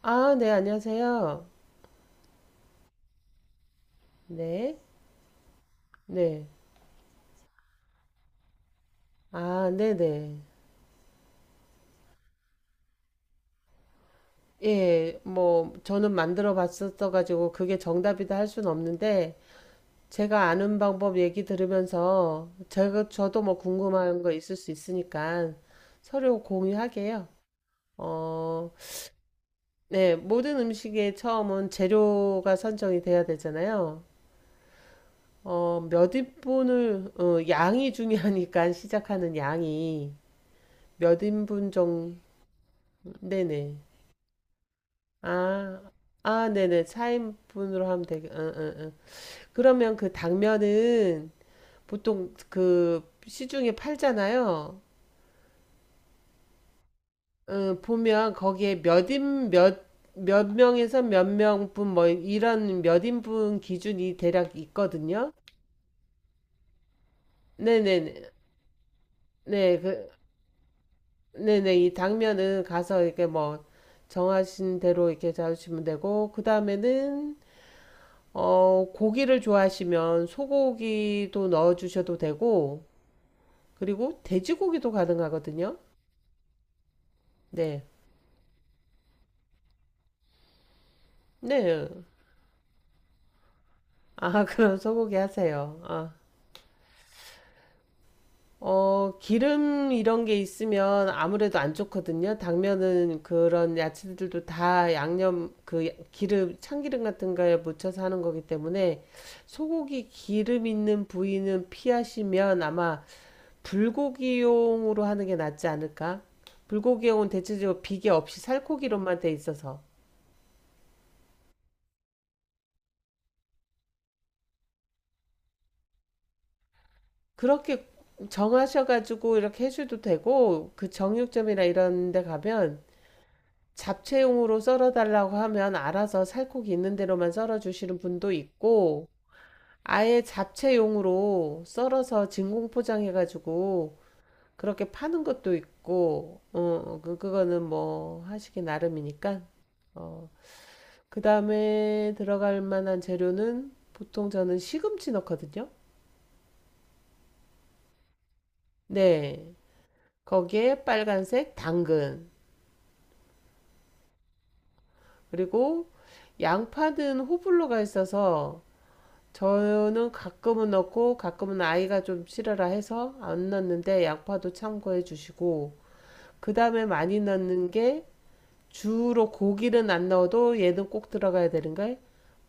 아, 네, 안녕하세요. 네, 네. 아, 네네. 예, 뭐, 저는 만들어 봤었어가지고, 그게 정답이다 할 순 없는데, 제가 아는 방법 얘기 들으면서, 제가, 저도 뭐 궁금한 거 있을 수 있으니까, 서류 공유하게요. 어, 네, 모든 음식의 처음은 재료가 선정이 돼야 되잖아요. 몇 인분을, 양이 중요하니까, 시작하는 양이, 몇 인분 정도, 네네. 아, 아, 네네. 4인분으로 하면 되게, 응, 응, 응. 그러면 그 당면은 보통 그 시중에 팔잖아요. 응, 보면 거기에 몇 명에서 몇 명분 뭐 이런 몇 인분 기준이 대략 있거든요. 네네네. 네, 네네. 이 당면은 가서 이렇게 뭐 정하신 대로 이렇게 잡으시면 되고, 그 다음에는 고기를 좋아하시면 소고기도 넣어 주셔도 되고, 그리고 돼지고기도 가능하거든요. 네. 네. 아, 그럼 소고기 하세요. 아. 기름 이런 게 있으면 아무래도 안 좋거든요. 당면은 그런 야채들도 다 양념, 그 기름, 참기름 같은 거에 묻혀서 하는 거기 때문에 소고기 기름 있는 부위는 피하시면 아마 불고기용으로 하는 게 낫지 않을까? 불고기용은 대체적으로 비계 없이 살코기로만 돼 있어서 그렇게 정하셔가지고 이렇게 해줘도 되고 그 정육점이나 이런 데 가면 잡채용으로 썰어달라고 하면 알아서 살코기 있는 대로만 썰어주시는 분도 있고 아예 잡채용으로 썰어서 진공 포장해가지고 그렇게 파는 것도 있고 그거는 뭐 하시기 나름이니까. 어, 그 다음에 들어갈 만한 재료는 보통 저는 시금치 넣거든요. 네. 거기에 빨간색 당근. 그리고 양파는 호불호가 있어서 저는 가끔은 넣고 가끔은 아이가 좀 싫어라 해서 안 넣는데 양파도 참고해 주시고 그 다음에 많이 넣는 게 주로 고기는 안 넣어도 얘는 꼭 들어가야 되는 게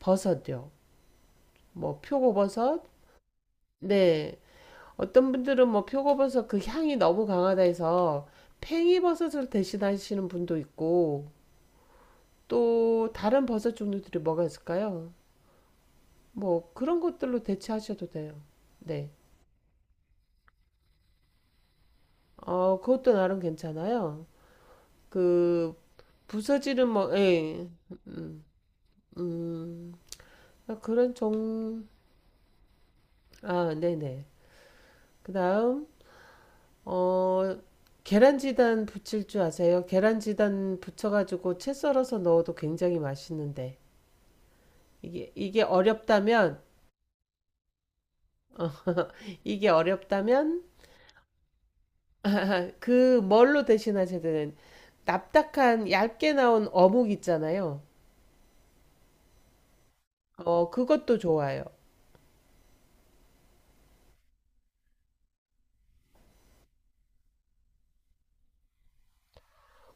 버섯요. 뭐 표고버섯, 네, 어떤 분들은 뭐 표고버섯 그 향이 너무 강하다 해서 팽이버섯으로 대신하시는 분도 있고 또 다른 버섯 종류들이 뭐가 있을까요? 뭐 그런 것들로 대체하셔도 돼요. 네. 그것도 나름 괜찮아요. 그 부서지는 뭐 예. 음. 음. 그런 종 아, 네네. 그다음 어 계란지단 부칠 줄 아세요? 계란지단 부쳐가지고 채 썰어서 넣어도 굉장히 맛있는데. 이게 어렵다면, 어, 이게 어렵다면, 아, 그 뭘로 대신하셔야 되는, 납작한 얇게 나온 어묵 있잖아요. 그것도 좋아요.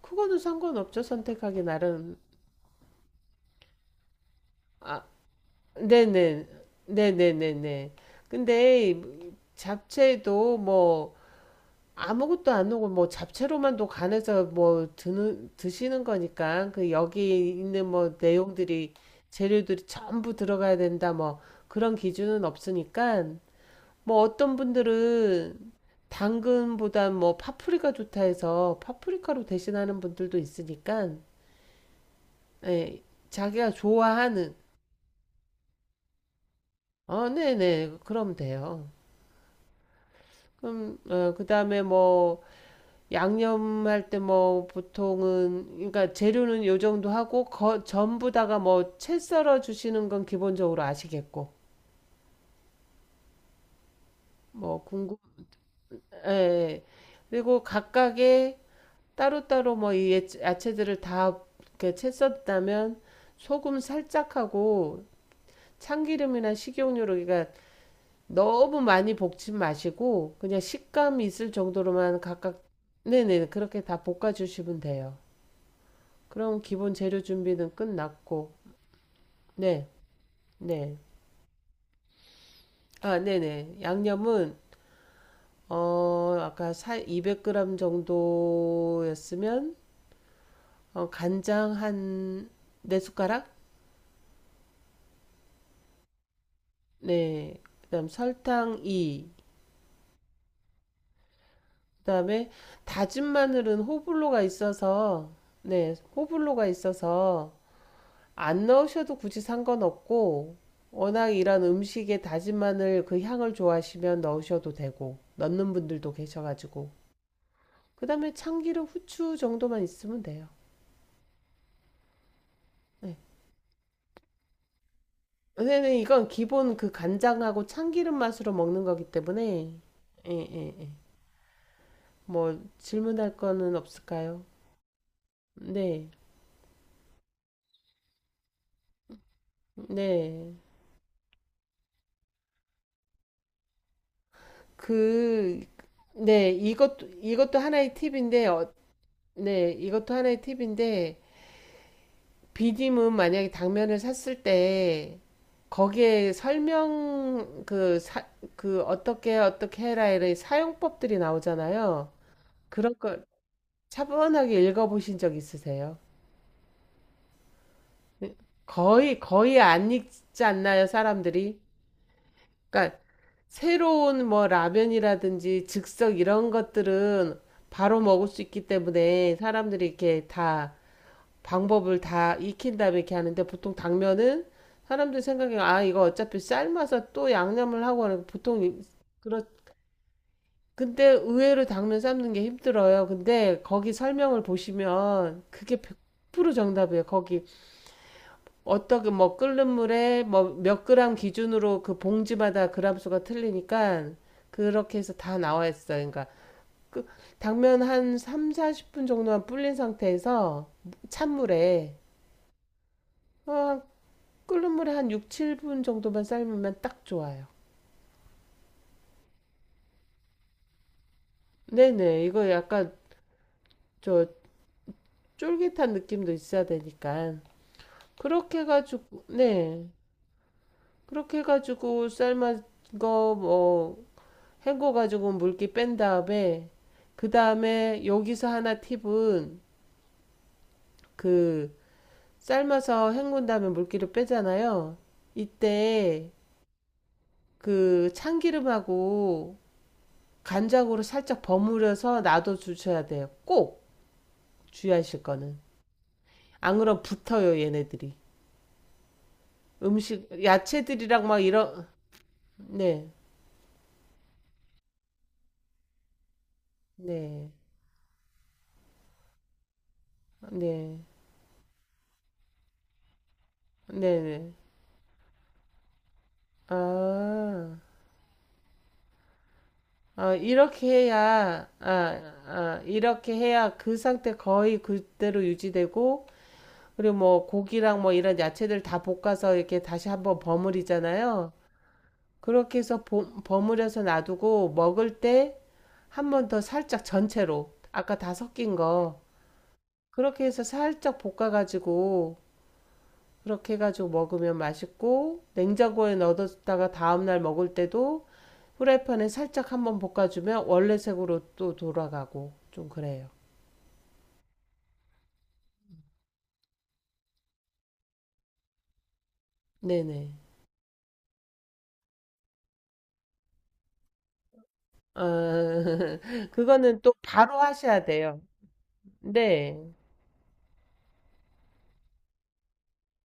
그거는 상관없죠. 선택하기 나름. 아, 네네. 네네네네. 근데 잡채도 뭐, 아무것도 안 오고 뭐 잡채로만 도 간해서 뭐 드는 드시는 거니까 그 여기 있는 뭐 내용들이 재료들이 전부 들어가야 된다 뭐 그런 기준은 없으니까 뭐 어떤 분들은 당근보다 뭐 파프리카 좋다 해서 파프리카로 대신하는 분들도 있으니까 예, 자기가 좋아하는 네네 그럼 돼요. 그럼 그다음에 뭐 양념할 때 뭐 보통은 그러니까 재료는 요 정도 하고 거, 전부 다가 뭐 채 썰어 주시는 건 기본적으로 아시겠고 뭐 궁금 예, 예. 그리고 각각의 따로따로 뭐 이 야채들을 다 이렇게 채 썼다면 소금 살짝 하고 참기름이나 식용유로 그러니까 너무 많이 볶지 마시고 그냥 식감 이 있을 정도로만 각각 네네 그렇게 다 볶아 주시면 돼요. 그럼 기본 재료 준비는 끝났고 네, 네. 아, 네네. 양념은, 200g 정도였으면, 간장 한, 네 숟가락? 네. 그다음 설탕 2. 그다음에 다진 마늘은 호불호가 있어서, 네, 호불호가 있어서, 안 넣으셔도 굳이 상관없고, 워낙 이런 음식에 다진 마늘 그 향을 좋아하시면 넣으셔도 되고, 넣는 분들도 계셔가지고. 그다음에 참기름, 후추 정도만 있으면 돼요. 요새는 이건 기본 그 간장하고 참기름 맛으로 먹는 거기 때문에, 예, 예, 예. 뭐, 질문할 거는 없을까요? 네, 네. 그, 네, 이것도 하나의 팁인데, 네, 이것도 하나의 팁인데, 비빔은 만약에 당면을 샀을 때, 거기에 설명, 그, 어떻게 해라, 이런 사용법들이 나오잖아요. 그런 걸 차분하게 읽어보신 적 있으세요? 거의 거의 안 익지 않나요, 사람들이? 그러니까 새로운 뭐 라면이라든지 즉석 이런 것들은 바로 먹을 수 있기 때문에 사람들이 이렇게 다 방법을 다 익힌 다음에 이렇게 하는데 보통 당면은 사람들 생각에 아 이거 어차피 삶아서 또 양념을 하고 하는 거 보통 그렇 근데 의외로 당면 삶는 게 힘들어요. 근데 거기 설명을 보시면 그게 100% 정답이에요. 거기 어떻게 뭐 끓는 물에 뭐 몇 그램 기준으로 그 봉지마다 그램 수가 틀리니까 그렇게 해서 다 나와 있어요. 그러니까 그 당면 한 3, 40분 정도만 불린 상태에서 찬물에 어, 끓는 물에 한 6, 7분 정도만 삶으면 딱 좋아요. 네네. 이거 약간 저 쫄깃한 느낌도 있어야 되니까 그렇게 해가지고 네 그렇게 해가지고 삶은거뭐 헹궈가지고 물기 뺀 다음에 그 다음에 여기서 하나 팁은 그 삶아서 헹군 다음에 물기를 빼잖아요. 이때 그 참기름하고 간장으로 살짝 버무려서 놔둬 주셔야 돼요. 꼭 주의하실 거는. 안 그럼 붙어요, 얘네들이. 음식, 야채들이랑 막 이런, 네, 네, 네, 네, 네. 아. 어, 이렇게 해야, 아, 아, 이렇게 해야 그 상태 거의 그대로 유지되고, 그리고 뭐 고기랑 뭐 이런 야채들 다 볶아서 이렇게 다시 한번 버무리잖아요. 그렇게 해서 버무려서 놔두고 먹을 때 한번 더 살짝 전체로, 아까 다 섞인 거, 그렇게 해서 살짝 볶아가지고, 그렇게 해가지고 먹으면 맛있고, 냉장고에 넣어뒀다가 다음날 먹을 때도 후라이팬에 살짝 한번 볶아주면 원래 색으로 또 돌아가고 좀 그래요. 네네. 아, 그거는 또 바로 하셔야 돼요. 네.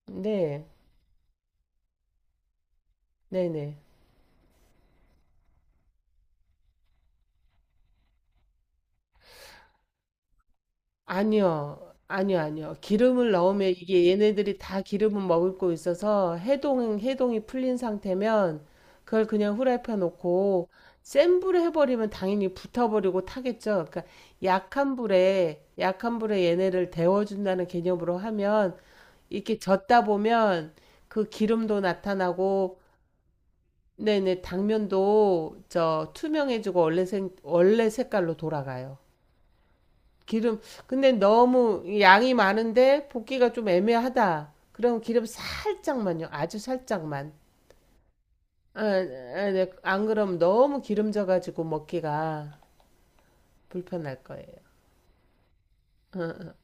네. 네네. 아니요. 아니요, 아니요. 기름을 넣으면 이게 얘네들이 다 기름을 머금고 있어서 해동이 풀린 상태면 그걸 그냥 후라이팬 놓고 센 불에 해버리면 당연히 붙어버리고 타겠죠. 그러니까 약한 불에 얘네를 데워준다는 개념으로 하면 이렇게 젓다 보면 그 기름도 나타나고, 네네, 당면도 저 투명해지고 원래 색깔로 돌아가요. 기름, 근데 너무 양이 많은데 볶기가 좀 애매하다. 그럼 기름 살짝만요. 아주 살짝만. 아, 아, 네. 안 그럼 너무 기름져가지고 먹기가 불편할 거예요. 어, 어.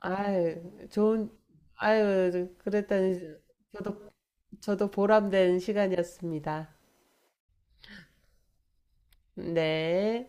아유, 좋은, 아유, 그랬더니 저도, 저도 보람된 시간이었습니다. 네.